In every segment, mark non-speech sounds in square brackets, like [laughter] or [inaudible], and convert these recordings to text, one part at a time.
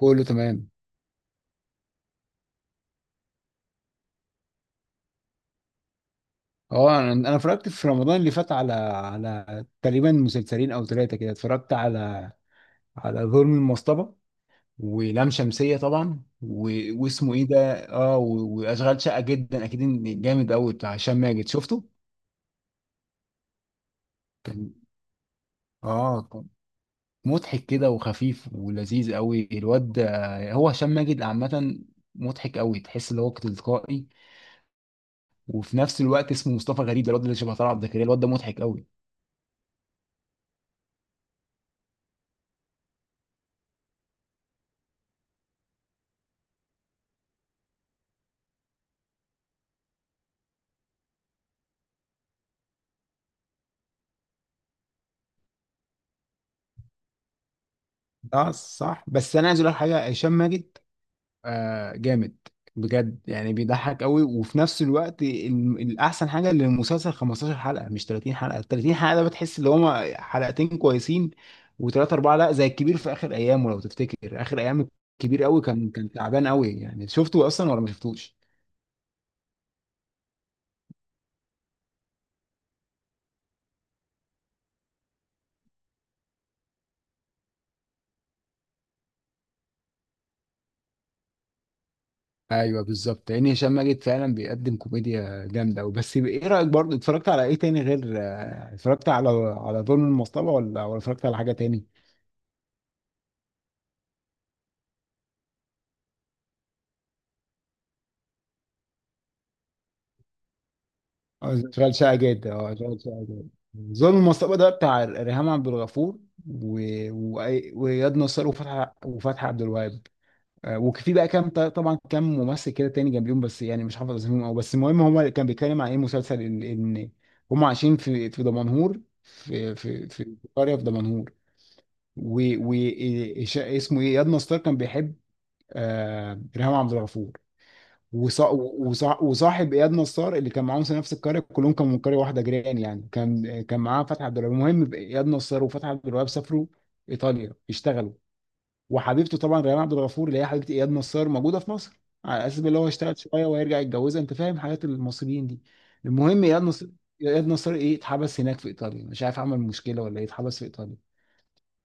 كله تمام. انا اتفرجت في رمضان اللي فات على تقريبا مسلسلين او ثلاثه كده. اتفرجت على على ظلم المصطبه، ولام شمسيه طبعا، واسمه ايه ده؟ واشغال شقه جدا، اكيد إن جامد قوي بتاع هشام ماجد، شفته؟ كان. اه كان مضحك كده وخفيف ولذيذ قوي. هو هشام ماجد عامه مضحك قوي، تحس ان هو تلقائي. وفي نفس الوقت اسمه مصطفى غريب، ده الواد اللي شبه طلعت زكريا، الواد ده مضحك قوي. اه صح. بس انا عايز اقول لك حاجه، هشام ماجد جامد بجد يعني، بيضحك قوي. وفي نفس الوقت الاحسن حاجه ان المسلسل 15 حلقه مش 30 حلقه. 30 حلقه ده بتحس ان هما حلقتين كويسين وثلاثه اربعه، لا زي الكبير في اخر ايامه. لو تفتكر اخر ايام الكبير قوي كان تعبان قوي يعني، شفته اصلا ولا ما شفتوش؟ ايوه بالظبط، لان هشام ماجد فعلا بيقدم كوميديا جامده قوي. بس ايه رايك؟ برضه اتفرجت على ايه تاني غير اتفرجت على على ظلم المصطبه، ولا اتفرجت على حاجه تاني؟ اشتغل شائع جدا. اه اشتغل شائع جدا. ظلم المصطبة ده بتاع ريهام عبد الغفور، و... و... واياد نصار، وفتحي عبد الوهاب. وفي بقى كام طبعا، كام ممثل كده تاني جنبيهم، بس يعني مش حافظ اسمهم او. بس المهم، هو كان بيتكلم عن ايه؟ مسلسل ان إن هم عايشين في في دمنهور، في في قريه في دمنهور. و... و... اسمه ايه، اياد نصار كان بيحب ريهام عبد الغفور. وصاحب اياد نصار اللي كان معاهم في نفس القريه، كلهم كانوا من قريه واحده، جيران يعني. كان معاه فتحي عبد الوهاب. المهم، اياد نصار وفتحي عبد الوهاب سافروا ايطاليا يشتغلوا. وحبيبته طبعا ريان عبد الغفور، اللي هي حبيبه اياد نصار، موجوده في مصر، على اساس اللي هو اشتغل شويه وهيرجع يتجوزها، انت فاهم حياه المصريين دي. المهم، اياد نصار، اياد نصار ايه، اتحبس هناك في ايطاليا، مش عارف عمل مشكله ولا ايه، اتحبس في ايطاليا.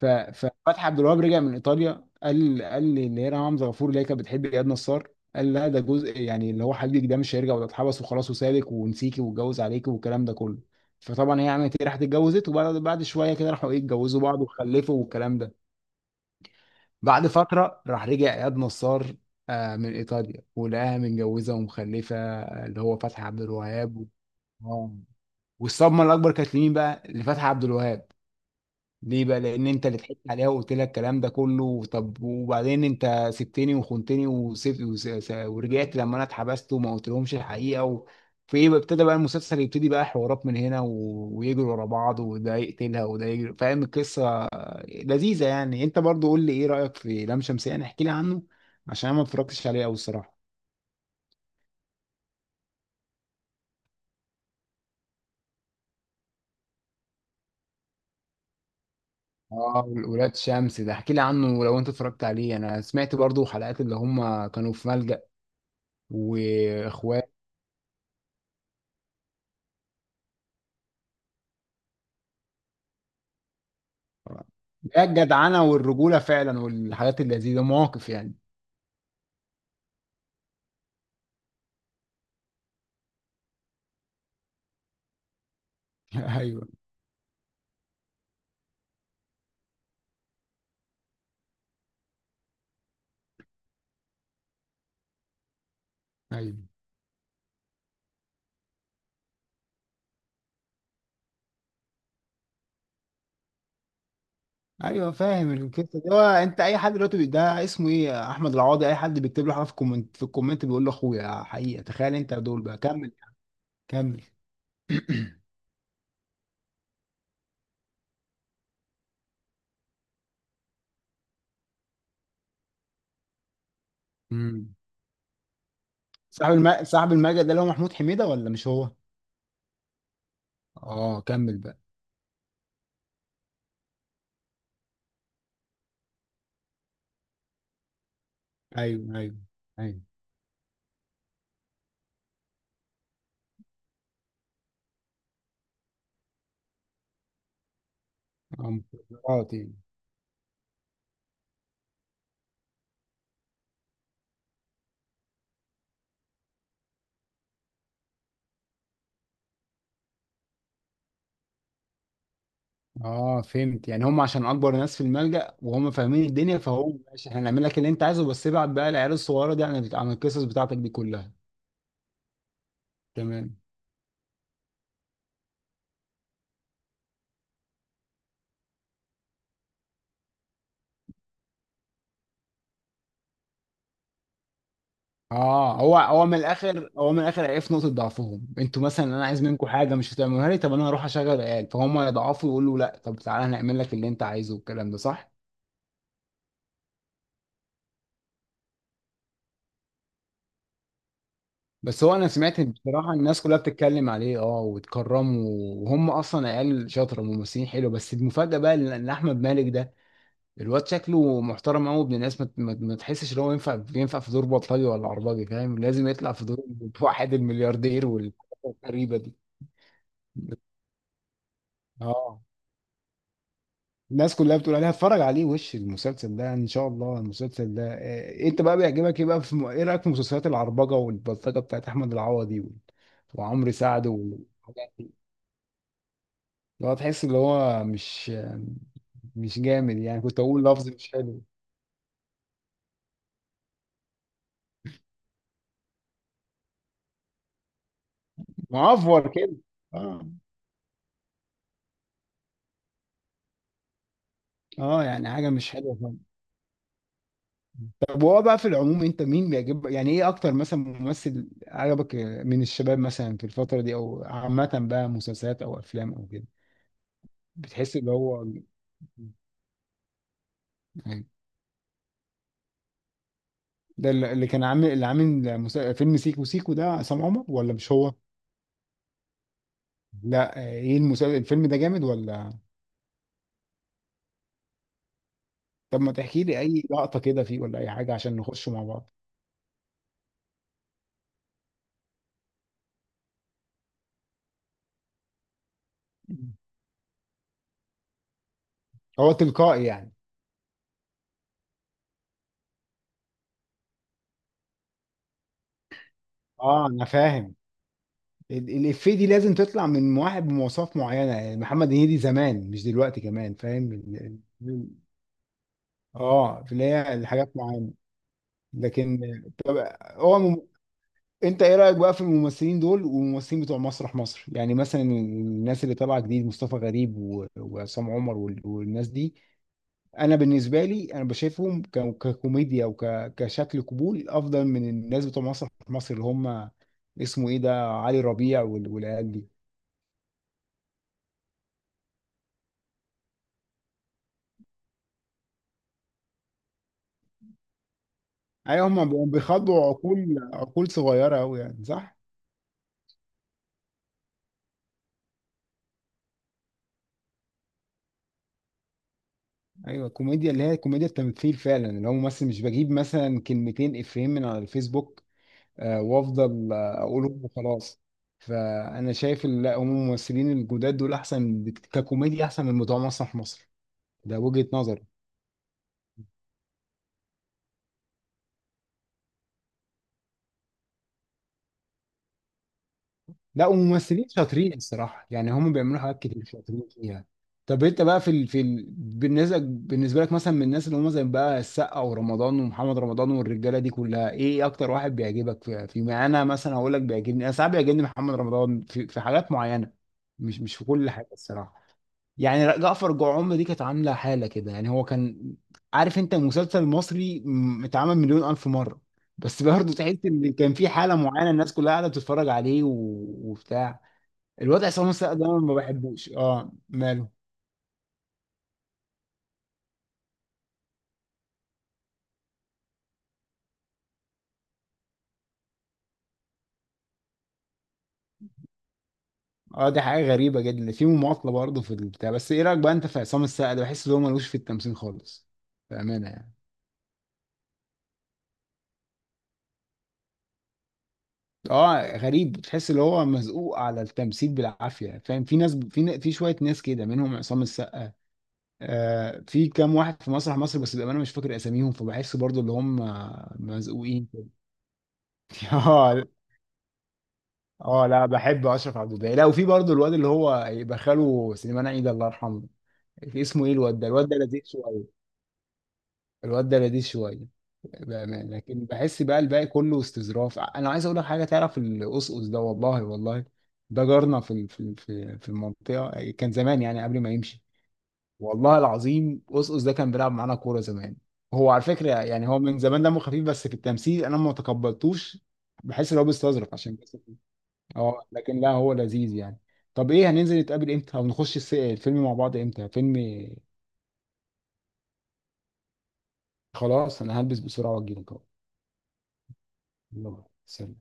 ففتحي عبد الوهاب رجع من ايطاليا، قال لي اللي هي ريهام حمزه غفور اللي هي كانت بتحب اياد نصار، قال لها ده جزء يعني اللي هو حليك ده مش هيرجع، ولا اتحبس وخلاص وسابك ونسيكي واتجوز عليكي والكلام ده كله. فطبعا هي عملت ايه؟ راحت اتجوزت. وبعد شويه كده راحوا ايه، اتجوزوا بعض وخلفوا والكلام ده. بعد فتره، راح رجع اياد نصار من ايطاليا، ولقاها متجوزه ومخلفه، اللي هو فتحي عبد الوهاب و... آه. والصدمه الاكبر كانت لمين بقى؟ لفتحي عبد الوهاب. ليه بقى؟ لان انت اللي ضحكت عليها وقلت لها الكلام ده كله، طب وبعدين انت سبتني وخنتني وسبت ورجعت لما انا اتحبست، وما قلتلهمش الحقيقه في ايه بقى؟ ابتدى بقى المسلسل يبتدي بقى، حوارات من هنا ويجروا ورا بعض، وده يقتلها وده يجري، فاهم القصه؟ لذيذه يعني. انت برضو قول لي ايه رايك في لام شمسية، احكي لي عنه، عشان انا ما اتفرجتش عليه قوي الصراحه. اه ولاد شمس ده احكي لي عنه لو انت اتفرجت عليه. انا سمعت برضو حلقات، اللي هم كانوا في ملجأ واخوات. ده الجدعنه والرجوله فعلا، والحاجات اللذيذه، مواقف يعني. [laughs] ايوه. ايوه. ايوه فاهم القصه دي. هو انت اي حد دلوقتي ده اسمه ايه، احمد العوضي، اي حد بيكتب له حاجه في الكومنت، في الكومنت بيقول له اخويا حقيقه، تخيل انت. دول بقى، كمل، كمل. [clears throat] أمم. صاحب الملجأ ده اللي هو محمود حميده ولا مش هو؟ اه كمل بقى. ايوه. ايوه. ايوه. آه، مخدرات يعني. اه فهمت يعني، هم عشان اكبر ناس في الملجأ وهم فاهمين الدنيا، فهو ماشي احنا هنعمل لك اللي انت عايزه، بس ابعت بقى العيال الصغيره دي عن القصص بتاعتك دي كلها. تمام. هو من الاخر عرف نقطه ضعفهم، انتوا مثلا انا عايز منكم حاجه مش هتعملوها لي، طب انا هروح اشغل العيال، فهم يضعفوا يقولوا لا، طب تعالى هنعمل لك اللي انت عايزه والكلام ده، صح؟ بس هو انا سمعت إن بصراحه الناس كلها بتتكلم عليه، اه وتكرمه، وهم اصلا عيال شاطره، ممثلين حلو. بس المفاجاه بقى ان إن احمد مالك ده، الواد شكله محترم قوي، ابن الناس، ما تحسش ان هو ينفع ينفع في دور بطلجي ولا عرباجي، فاهم؟ لازم يطلع في دور واحد الملياردير. والغريبه دي. اه. الناس كلها بتقول عليها اتفرج عليه، وش المسلسل ده ان شاء الله. المسلسل ده إيه؟ انت بقى بيعجبك ايه بقى في ايه رايك في مسلسلات العربجه والبلطجه بتاعت احمد العوضي وعمرو سعد والحاجات دي؟ اللي هو تحس اللي هو مش مش جامد يعني، كنت اقول لفظ مش حلو، معفور كده. اه. اه يعني حاجه مش حلوه. طب وهو بقى في العموم، انت مين بيعجب يعني، ايه اكتر مثلا ممثل عجبك من الشباب مثلا في الفترة دي، او عامة بقى مسلسلات او افلام او كده؟ بتحس اللي هو، يعني. ده اللي كان عامل اللي عامل فيلم سيكو سيكو، ده عصام عمر ولا مش هو؟ لا آه، ايه المسلسل الفيلم ده جامد ولا؟ طب ما تحكي لي اي لقطة كده فيه، ولا اي حاجة عشان نخشه مع بعض. هو تلقائي يعني؟ اه انا فاهم. الإفيه دي لازم تطلع من واحد بمواصفات معينة يعني، محمد هنيدي زمان مش دلوقتي، كمان فاهم اه في اللي هي الحاجات معينة. لكن طب هو انت ايه رأيك بقى في الممثلين دول والممثلين بتوع مسرح مصر، يعني مثلا الناس اللي طالعة جديد، مصطفى غريب وعصام عمر والناس دي؟ انا بالنسبة لي انا بشايفهم ككوميديا كشكل قبول افضل من الناس بتوع مسرح مصر اللي هم اسمه ايه ده، علي ربيع والعيال دي. ايوه هما بيخاطبوا عقول، عقول صغيره قوي يعني، صح. ايوه الكوميديا اللي هي كوميديا التمثيل فعلا، اللي هو ممثل مش بجيب مثلا كلمتين افيهين من على الفيسبوك وافضل اقولهم وخلاص. فانا شايف لا هم الممثلين الجداد دول احسن ككوميديا، احسن من بتوع مسرح مصر، ده وجهه نظري. لا وممثلين شاطرين الصراحة يعني، هم بيعملوا حاجات كتير شاطرين فيها. طب انت بقى في بالنسبة لك مثلا، من الناس اللي هم زي بقى السقا ورمضان ومحمد رمضان والرجالة دي كلها، ايه اكتر واحد بيعجبك في؟ ما انا مثلا هقول لك، بيعجبني انا ساعات، بيعجبني محمد رمضان في حاجات معينة، مش مش في كل حاجة الصراحة. يعني جعفر جعوم دي كانت عامله حاله كده يعني، هو كان عارف انت مسلسل مصري اتعمل مليون الف مره، بس برضه تحس ان كان في حاله معينه الناس كلها قاعده بتتفرج عليه وبتاع. الوضع عصام السقا ده أنا ما بحبوش، اه ماله؟ اه دي حاجه غريبه جدا في مماطله برضه في البتاع. بس ايه رايك بقى انت في عصام السقا ده؟ بحس ان هو ملوش في التمثيل خالص، بامانه يعني. اه غريب، تحس ان هو مزقوق على التمثيل بالعافيه، فاهم؟ في ناس، في في شويه ناس كده منهم عصام السقا، في كام واحد في مسرح مصر بس بأمانة مش فاكر أساميهم، فبحس برضو اللي هم مزقوقين كده. [laughs] اه. اه لا بحب أشرف عبد الباقي. لا وفي برضو الواد اللي هو يبقى خاله سليمان عيد، الله يرحمه، اسمه ايه الواد ده؟ الواد ده لذيذ شوية. الواد ده لذيذ شوية بأمانة. لكن بحس بقى الباقي كله استظراف. أنا عايز أقول لك حاجة، تعرف القصقص ده؟ والله والله ده جارنا في في المنطقة، كان زمان يعني قبل ما يمشي. والله العظيم، قصقص ده كان بيلعب معانا كوره زمان. هو على فكره يعني، هو من زمان دمه خفيف، بس في التمثيل انا ما تقبلتوش، بحس ان هو بيستظرف عشان بس. اه لكن لا هو لذيذ يعني. طب ايه، هننزل نتقابل امتى، او نخش الفيلم مع بعض امتى فيلم؟ خلاص انا هلبس بسرعه واجيلك اهو. يلا سلام.